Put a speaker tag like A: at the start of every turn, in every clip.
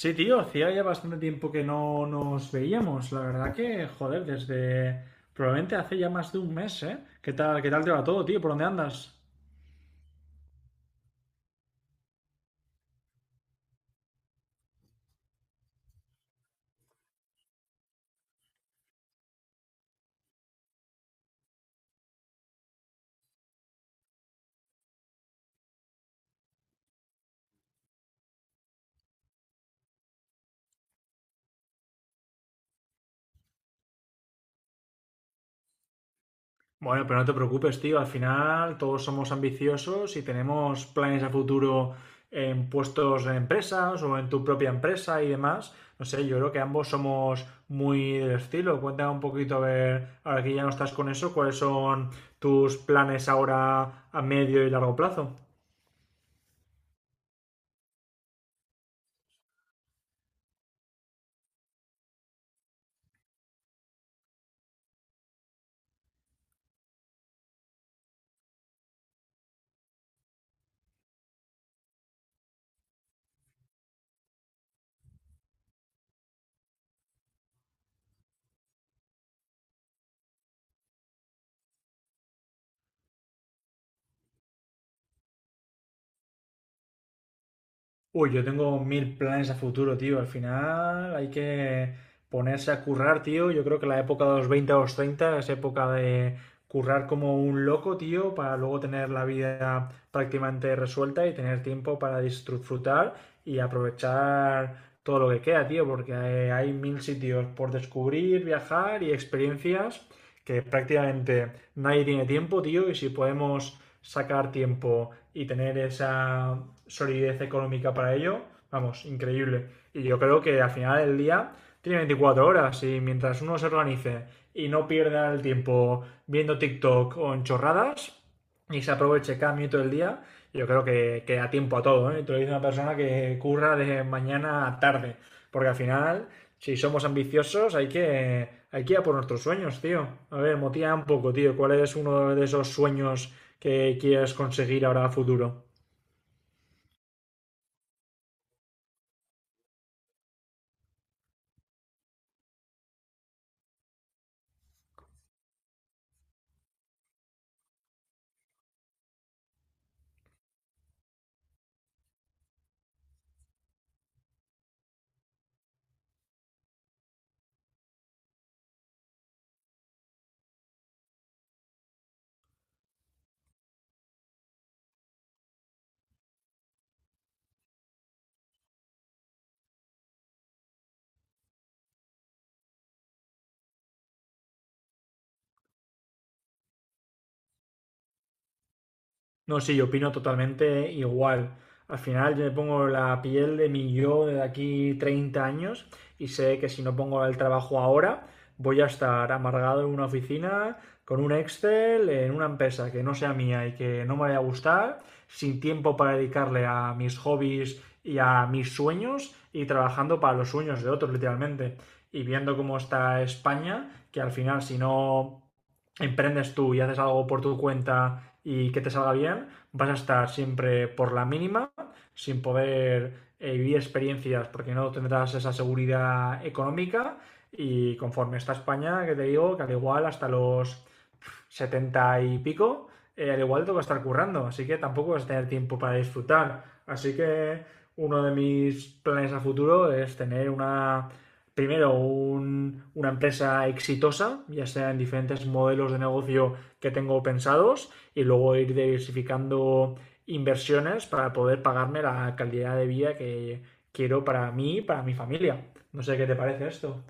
A: Sí, tío, hacía ya bastante tiempo que no nos veíamos. La verdad que, joder, desde probablemente hace ya más de un mes, ¿eh? ¿Qué tal te va todo, tío? ¿Por dónde andas? Bueno, pero no te preocupes, tío. Al final todos somos ambiciosos y tenemos planes a futuro en puestos en empresas o en tu propia empresa y demás. No sé, yo creo que ambos somos muy del estilo. Cuéntame un poquito, a ver, ahora que ya no estás con eso, ¿cuáles son tus planes ahora a medio y largo plazo? Uy, yo tengo mil planes a futuro, tío. Al final hay que ponerse a currar, tío. Yo creo que la época de los 20 a los 30 es época de currar como un loco, tío, para luego tener la vida prácticamente resuelta y tener tiempo para disfrutar y aprovechar todo lo que queda, tío, porque hay mil sitios por descubrir, viajar y experiencias que prácticamente nadie tiene tiempo, tío, y si podemos sacar tiempo y tener esa solidez económica para ello, vamos, increíble. Y yo creo que al final del día tiene 24 horas y mientras uno se organice y no pierda el tiempo viendo TikTok o en chorradas y se aproveche cada minuto del día, yo creo que da tiempo a todo, ¿eh? Te lo dice una persona que curra de mañana a tarde, porque al final, si somos ambiciosos, hay que ir a por nuestros sueños, tío. A ver, motiva un poco, tío. ¿Cuál es uno de esos sueños que quieras conseguir ahora a futuro? No, sí, yo opino totalmente igual. Al final yo me pongo la piel de mi yo de aquí 30 años y sé que si no pongo el trabajo ahora, voy a estar amargado en una oficina con un Excel en una empresa que no sea mía y que no me vaya a gustar, sin tiempo para dedicarle a mis hobbies y a mis sueños y trabajando para los sueños de otros literalmente. Y viendo cómo está España, que al final si no emprendes tú y haces algo por tu cuenta y que te salga bien, vas a estar siempre por la mínima, sin poder vivir experiencias, porque no tendrás esa seguridad económica. Y conforme está España, que te digo, que al igual hasta los 70 y pico, al igual tengo que estar currando, así que tampoco vas a tener tiempo para disfrutar. Así que uno de mis planes a futuro es tener una, primero, una empresa exitosa, ya sea en diferentes modelos de negocio que tengo pensados, y luego ir diversificando inversiones para poder pagarme la calidad de vida que quiero para mí y para mi familia. No sé qué te parece esto.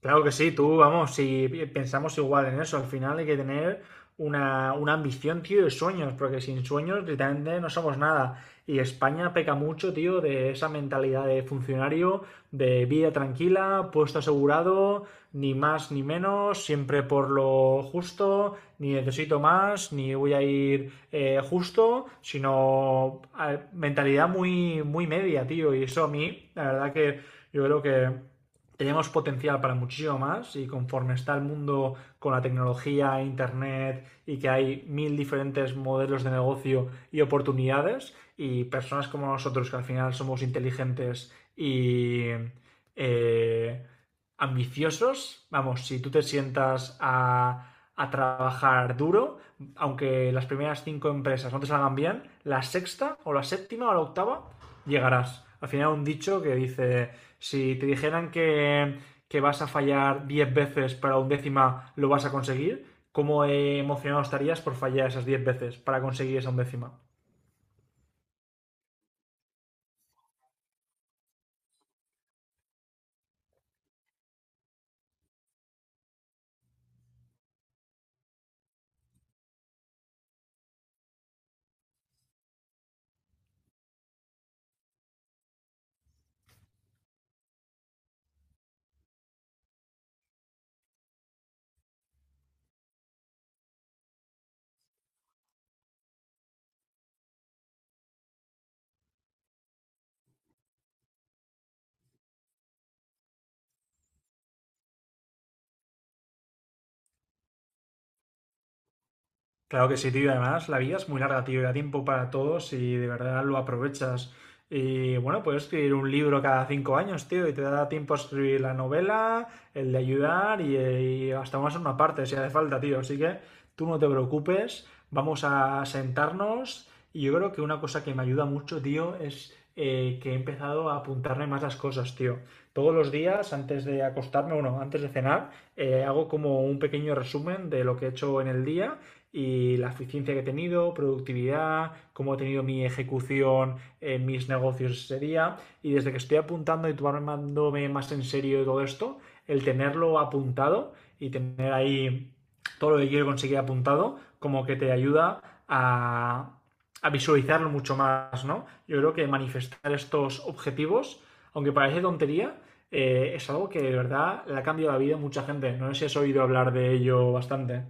A: Claro que sí, tú, vamos, si pensamos igual en eso, al final hay que tener una ambición, tío, y sueños, porque sin sueños literalmente no somos nada. Y España peca mucho, tío, de esa mentalidad de funcionario, de vida tranquila, puesto asegurado, ni más ni menos, siempre por lo justo, ni necesito más, ni voy a ir justo, sino mentalidad muy media, tío. Y eso a mí, la verdad que yo creo que tenemos potencial para muchísimo más y conforme está el mundo con la tecnología, internet y que hay mil diferentes modelos de negocio y oportunidades y personas como nosotros que al final somos inteligentes y eh, ambiciosos, vamos, si tú te sientas a trabajar duro, aunque las primeras cinco empresas no te salgan bien, la sexta o la séptima o la octava llegarás. Al final un dicho que dice si te dijeran que vas a fallar 10 veces para un décima, ¿lo vas a conseguir? ¿Cómo emocionado estarías por fallar esas 10 veces para conseguir esa undécima? Claro que sí, tío. Además, la vida es muy larga, tío. Y da tiempo para todos y de verdad lo aprovechas. Y bueno, puedes escribir un libro cada cinco años, tío. Y te da tiempo a escribir la novela, el de ayudar y hasta más una parte si hace falta, tío. Así que tú no te preocupes. Vamos a sentarnos. Y yo creo que una cosa que me ayuda mucho, tío, es que he empezado a apuntarme más las cosas, tío. Todos los días, antes de acostarme, bueno, antes de cenar, hago como un pequeño resumen de lo que he hecho en el día y la eficiencia que he tenido, productividad, cómo he tenido mi ejecución en mis negocios ese día. Y desde que estoy apuntando y tomándome más en serio todo esto, el tenerlo apuntado y tener ahí todo lo que quiero conseguir apuntado, como que te ayuda a, a visualizarlo mucho más, ¿no? Yo creo que manifestar estos objetivos, aunque parece tontería, es algo que de verdad le ha cambiado la vida a mucha gente. No sé si has oído hablar de ello bastante.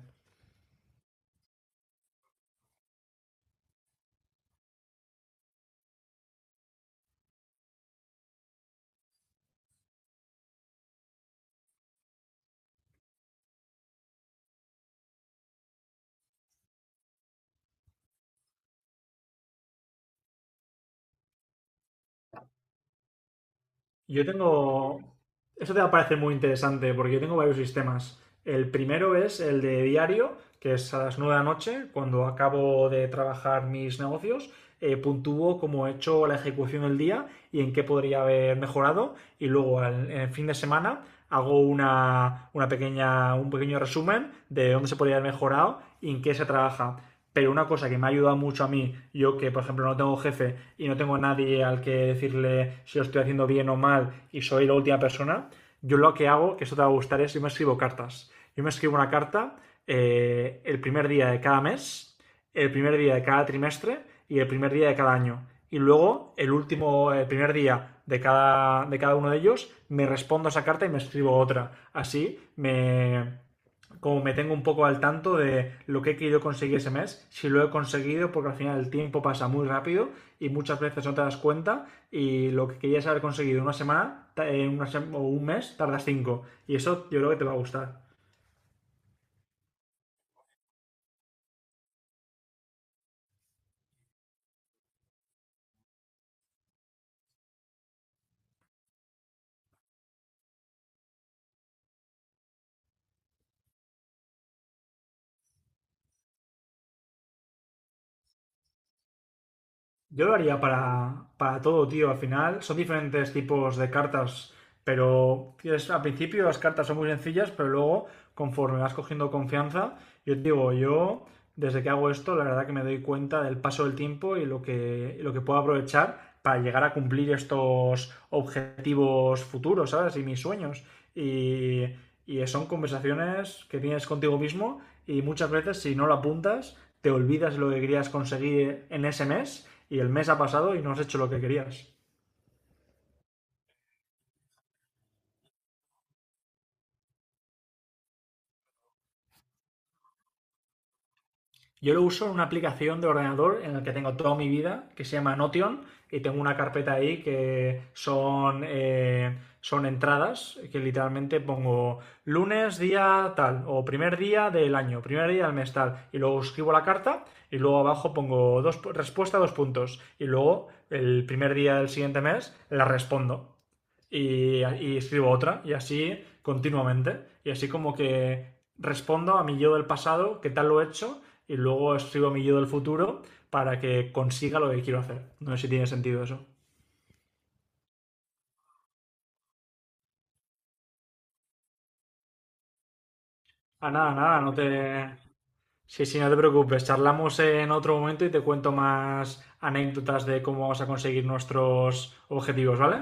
A: Yo tengo. Eso te va a parecer muy interesante porque yo tengo varios sistemas. El primero es el de diario, que es a las 9 de la noche, cuando acabo de trabajar mis negocios, puntúo cómo he hecho la ejecución del día y en qué podría haber mejorado. Y luego en el fin de semana hago un pequeño resumen de dónde se podría haber mejorado y en qué se trabaja. Pero una cosa que me ha ayudado mucho a mí, yo que por ejemplo no tengo jefe y no tengo nadie al que decirle si lo estoy haciendo bien o mal y soy la última persona, yo lo que hago, que esto te va a gustar, es yo me escribo cartas. Yo me escribo una carta el primer día de cada mes, el primer día de cada trimestre y el primer día de cada año. Y luego, el último, el primer día de de cada uno de ellos, me respondo a esa carta y me escribo otra. Así me, como me tengo un poco al tanto de lo que he querido conseguir ese mes, si lo he conseguido, porque al final el tiempo pasa muy rápido y muchas veces no te das cuenta y lo que querías haber conseguido en una semana en una o un mes tardas cinco y eso yo creo que te va a gustar. Yo lo haría para todo, tío. Al final son diferentes tipos de cartas, pero es al principio las cartas son muy sencillas, pero luego, conforme vas cogiendo confianza, yo te digo, yo desde que hago esto, la verdad que me doy cuenta del paso del tiempo y lo que puedo aprovechar para llegar a cumplir estos objetivos futuros, ¿sabes? Y mis sueños. Y, y son conversaciones que tienes contigo mismo y muchas veces si no lo apuntas te olvidas lo que querías conseguir en ese mes y el mes ha pasado y no has hecho lo que querías. Yo lo uso en una aplicación de ordenador en la que tengo toda mi vida, que se llama Notion, y tengo una carpeta ahí que son, son entradas, que literalmente pongo lunes, día tal, o primer día del año, primer día del mes tal, y luego escribo la carta, y luego abajo pongo dos, respuesta dos puntos, y luego el primer día del siguiente mes la respondo. Y y escribo otra y así continuamente. Y así como que respondo a mi yo del pasado, qué tal lo he hecho, y luego escribo a mi yo del futuro para que consiga lo que quiero hacer. No sé si tiene sentido eso. Ah, nada, nada, no te... Sí, no te preocupes. Charlamos en otro momento y te cuento más anécdotas de cómo vamos a conseguir nuestros objetivos, ¿vale?